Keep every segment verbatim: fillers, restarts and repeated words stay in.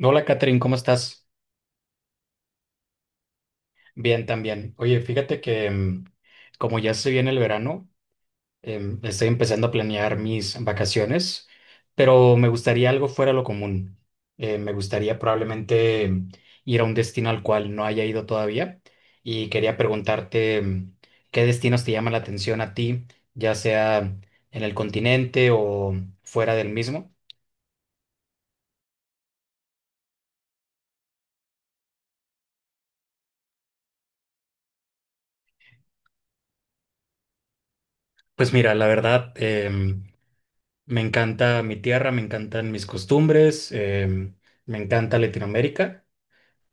Hola, Catherine, ¿cómo estás? Bien, también. Oye, fíjate que mm, como ya se viene el verano, em, estoy empezando a planear mis vacaciones, pero me gustaría algo fuera de lo común. Eh, me gustaría probablemente mm, ir a un destino al cual no haya ido todavía y quería preguntarte mm, qué destinos te llaman la atención a ti, ya sea en el continente o fuera del mismo. Pues mira, la verdad, me encanta mi tierra, me encantan mis costumbres, em, me encanta Latinoamérica,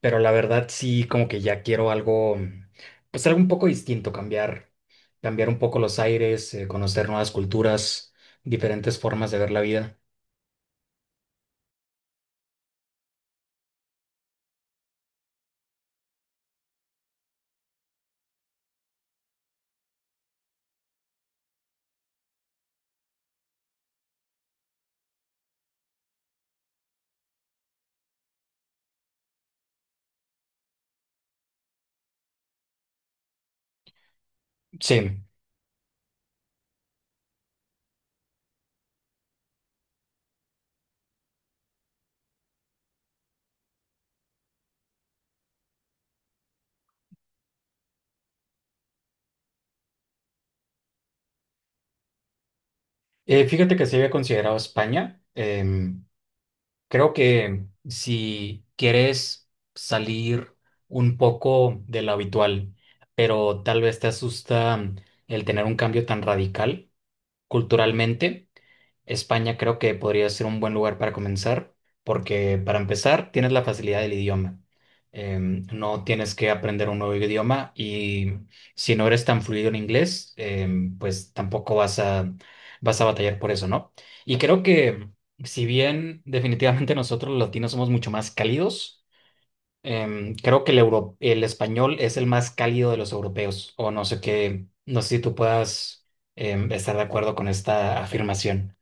pero la verdad sí como que ya quiero algo, pues algo un poco distinto, cambiar, cambiar un poco los aires, eh, conocer nuevas culturas, diferentes formas de ver la vida. Sí. Eh, fíjate que se había considerado España. Em, creo que si quieres salir un poco de lo habitual, pero tal vez te asusta el tener un cambio tan radical culturalmente, España creo que podría ser un buen lugar para comenzar, porque para empezar tienes la facilidad del idioma. Em, no tienes que aprender un nuevo idioma y si no eres tan fluido en inglés, em, pues tampoco vas a, vas a batallar por eso, ¿no? Y creo que si bien definitivamente nosotros los latinos somos mucho más cálidos, Em, creo que el, euro- el español es el más cálido de los europeos, o no sé qué, no sé si tú puedas em, estar de acuerdo con esta afirmación.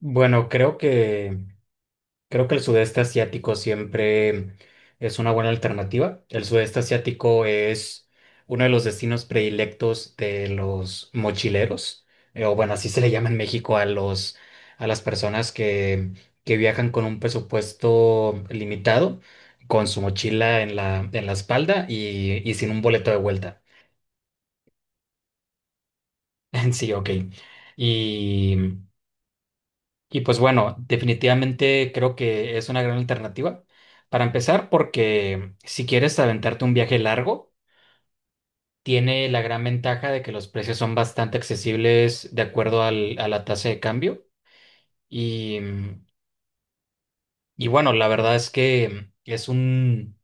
Bueno, creo que creo que el sudeste asiático siempre es una buena alternativa. El sudeste asiático es uno de los destinos predilectos de los mochileros, eh, o bueno, así se le llama en México a los, a las personas que, que viajan con un presupuesto limitado, con su mochila en la, en la espalda y, y sin un boleto de vuelta. Sí, ok. Y, Y pues bueno, definitivamente creo que es una gran alternativa. Para empezar, porque si quieres aventarte un viaje largo, tiene la gran ventaja de que los precios son bastante accesibles de acuerdo al- a la tasa de cambio. Y, y bueno, la verdad es que es un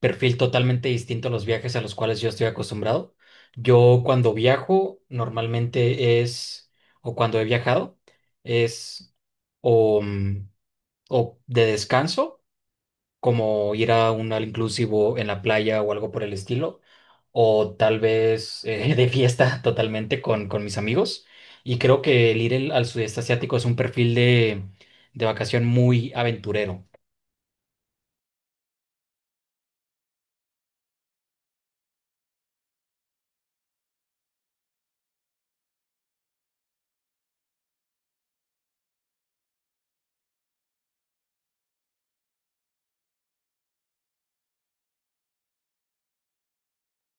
perfil totalmente distinto a los viajes a los cuales yo estoy acostumbrado. Yo cuando viajo, normalmente es, o cuando he viajado, es o, mm, o de descanso como ir a un all inclusivo en la playa o algo por el estilo, o tal vez eh, de fiesta totalmente con, con mis amigos. Y creo que el ir el- al sudeste asiático es un perfil de, de vacación muy aventurero.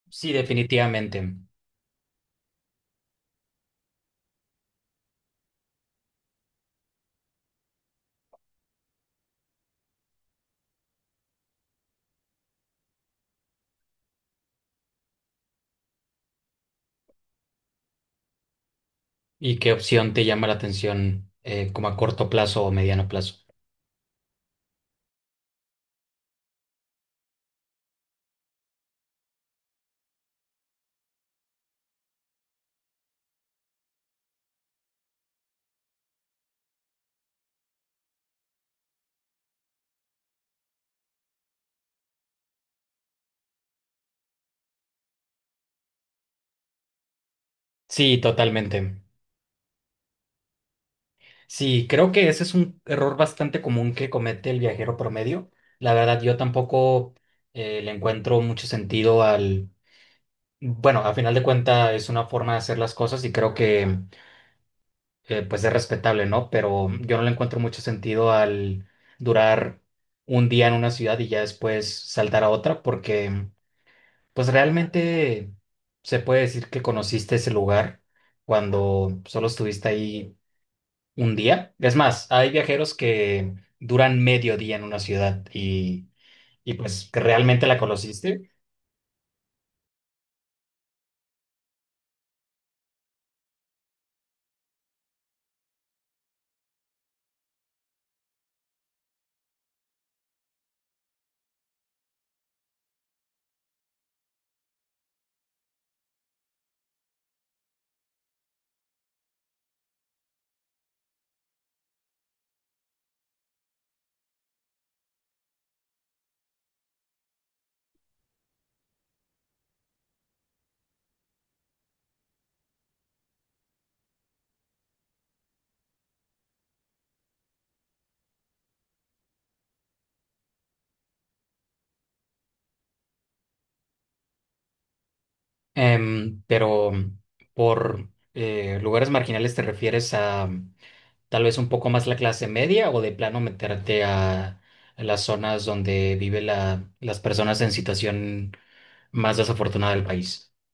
Sí, definitivamente. ¿Y qué opción te llama la atención eh, como a corto plazo o mediano plazo? Sí, totalmente. Sí, creo que ese es un error bastante común que comete el viajero promedio. La verdad, yo tampoco eh, le encuentro mucho sentido al bueno, a final de cuentas es una forma de hacer las cosas y creo que eh, pues es respetable, ¿no? Pero yo no le encuentro mucho sentido al durar un día en una ciudad y ya después saltar a otra porque pues realmente se puede decir que conociste ese lugar cuando solo estuviste ahí un día. Es más, hay viajeros que duran medio día en una ciudad y, y pues que realmente la conociste. Em, pero mm, por eh, Lugares marginales te refieres a, mm, tal vez un poco más la clase media o de plano meterte a, a las zonas donde vive la, las personas en situación más desafortunada del país.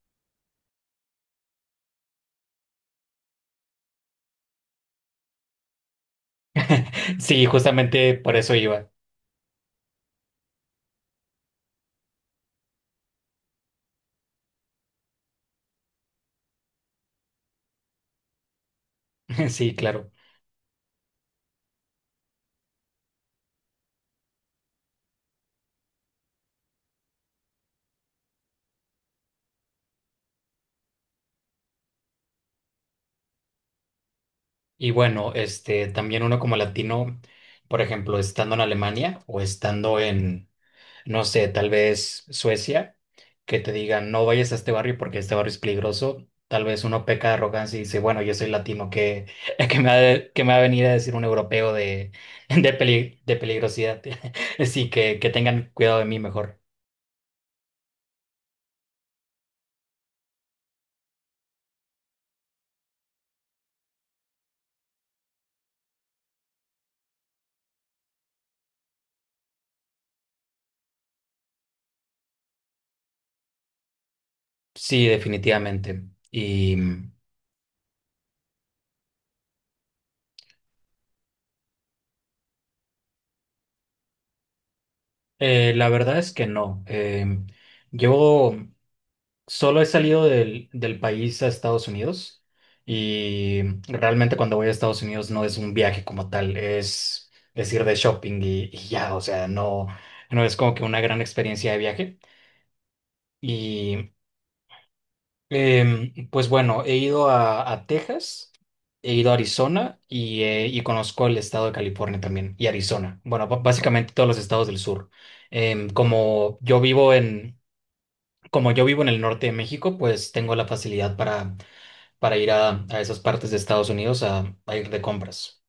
Sí, justamente por eso iba. Sí, claro. Y bueno, este, también uno como latino, por ejemplo, estando en Alemania o estando en no sé, tal vez Suecia, que te digan, no vayas a este barrio porque este barrio es peligroso. Tal vez uno peca de arrogancia y dice, bueno, yo soy latino, que que me va, de- qué me va a venir a decir un europeo de, de, peli- de peligrosidad. Así que, que tengan cuidado de mí mejor. Sí, definitivamente. Y eh, la verdad es que no. Eh, yo. Solo he salido del, del país a Estados Unidos y realmente cuando voy a Estados Unidos no es un viaje como tal, es decir de shopping y, y ya, o sea, no, no es como que una gran experiencia de viaje. Y em, pues bueno, he ido a, a Texas, he ido a Arizona y, eh, y conozco el estado de California también y Arizona. Bueno, b- básicamente todos los estados del sur. Em, como yo vivo en, Como yo vivo en el norte de México, pues tengo la facilidad para para ir a, a esas partes de Estados Unidos a, a ir de compras.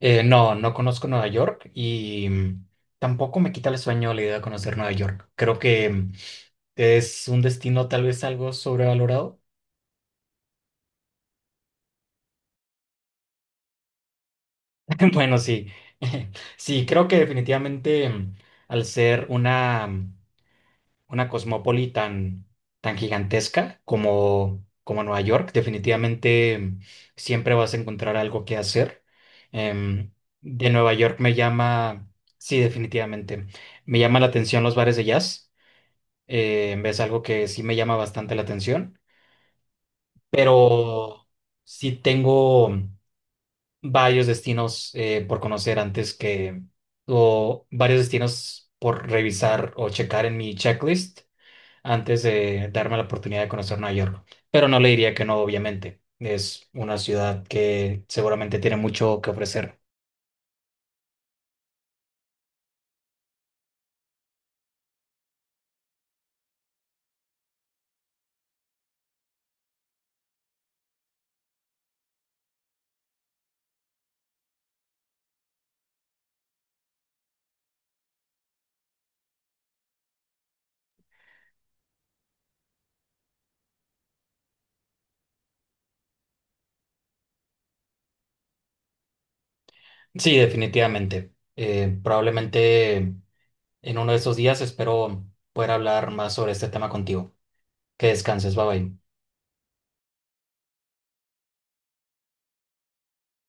Eh, no, no conozco Nueva York y mm, tampoco me quita el sueño la idea de conocer Nueva York. Creo que mm, es un destino tal vez algo sobrevalorado. Bueno, sí, sí, creo que definitivamente mm, al ser una... mm, una cosmópoli tan, tan gigantesca como, como Nueva York. Definitivamente em, siempre vas a encontrar algo que hacer. Em, de Nueva York me llama, sí, definitivamente, me llama la atención los bares de jazz. Eh, es algo que sí me llama bastante la atención, pero sí tengo varios destinos eh, por conocer antes que, o varios destinos por revisar o checar en mi checklist antes de darme la oportunidad de conocer Nueva York. Pero no le diría que no, obviamente. Es una ciudad que seguramente tiene mucho que ofrecer. Sí, definitivamente. Eh, probablemente en uno de esos días espero poder hablar más sobre este tema contigo. Que descanses, bye bye.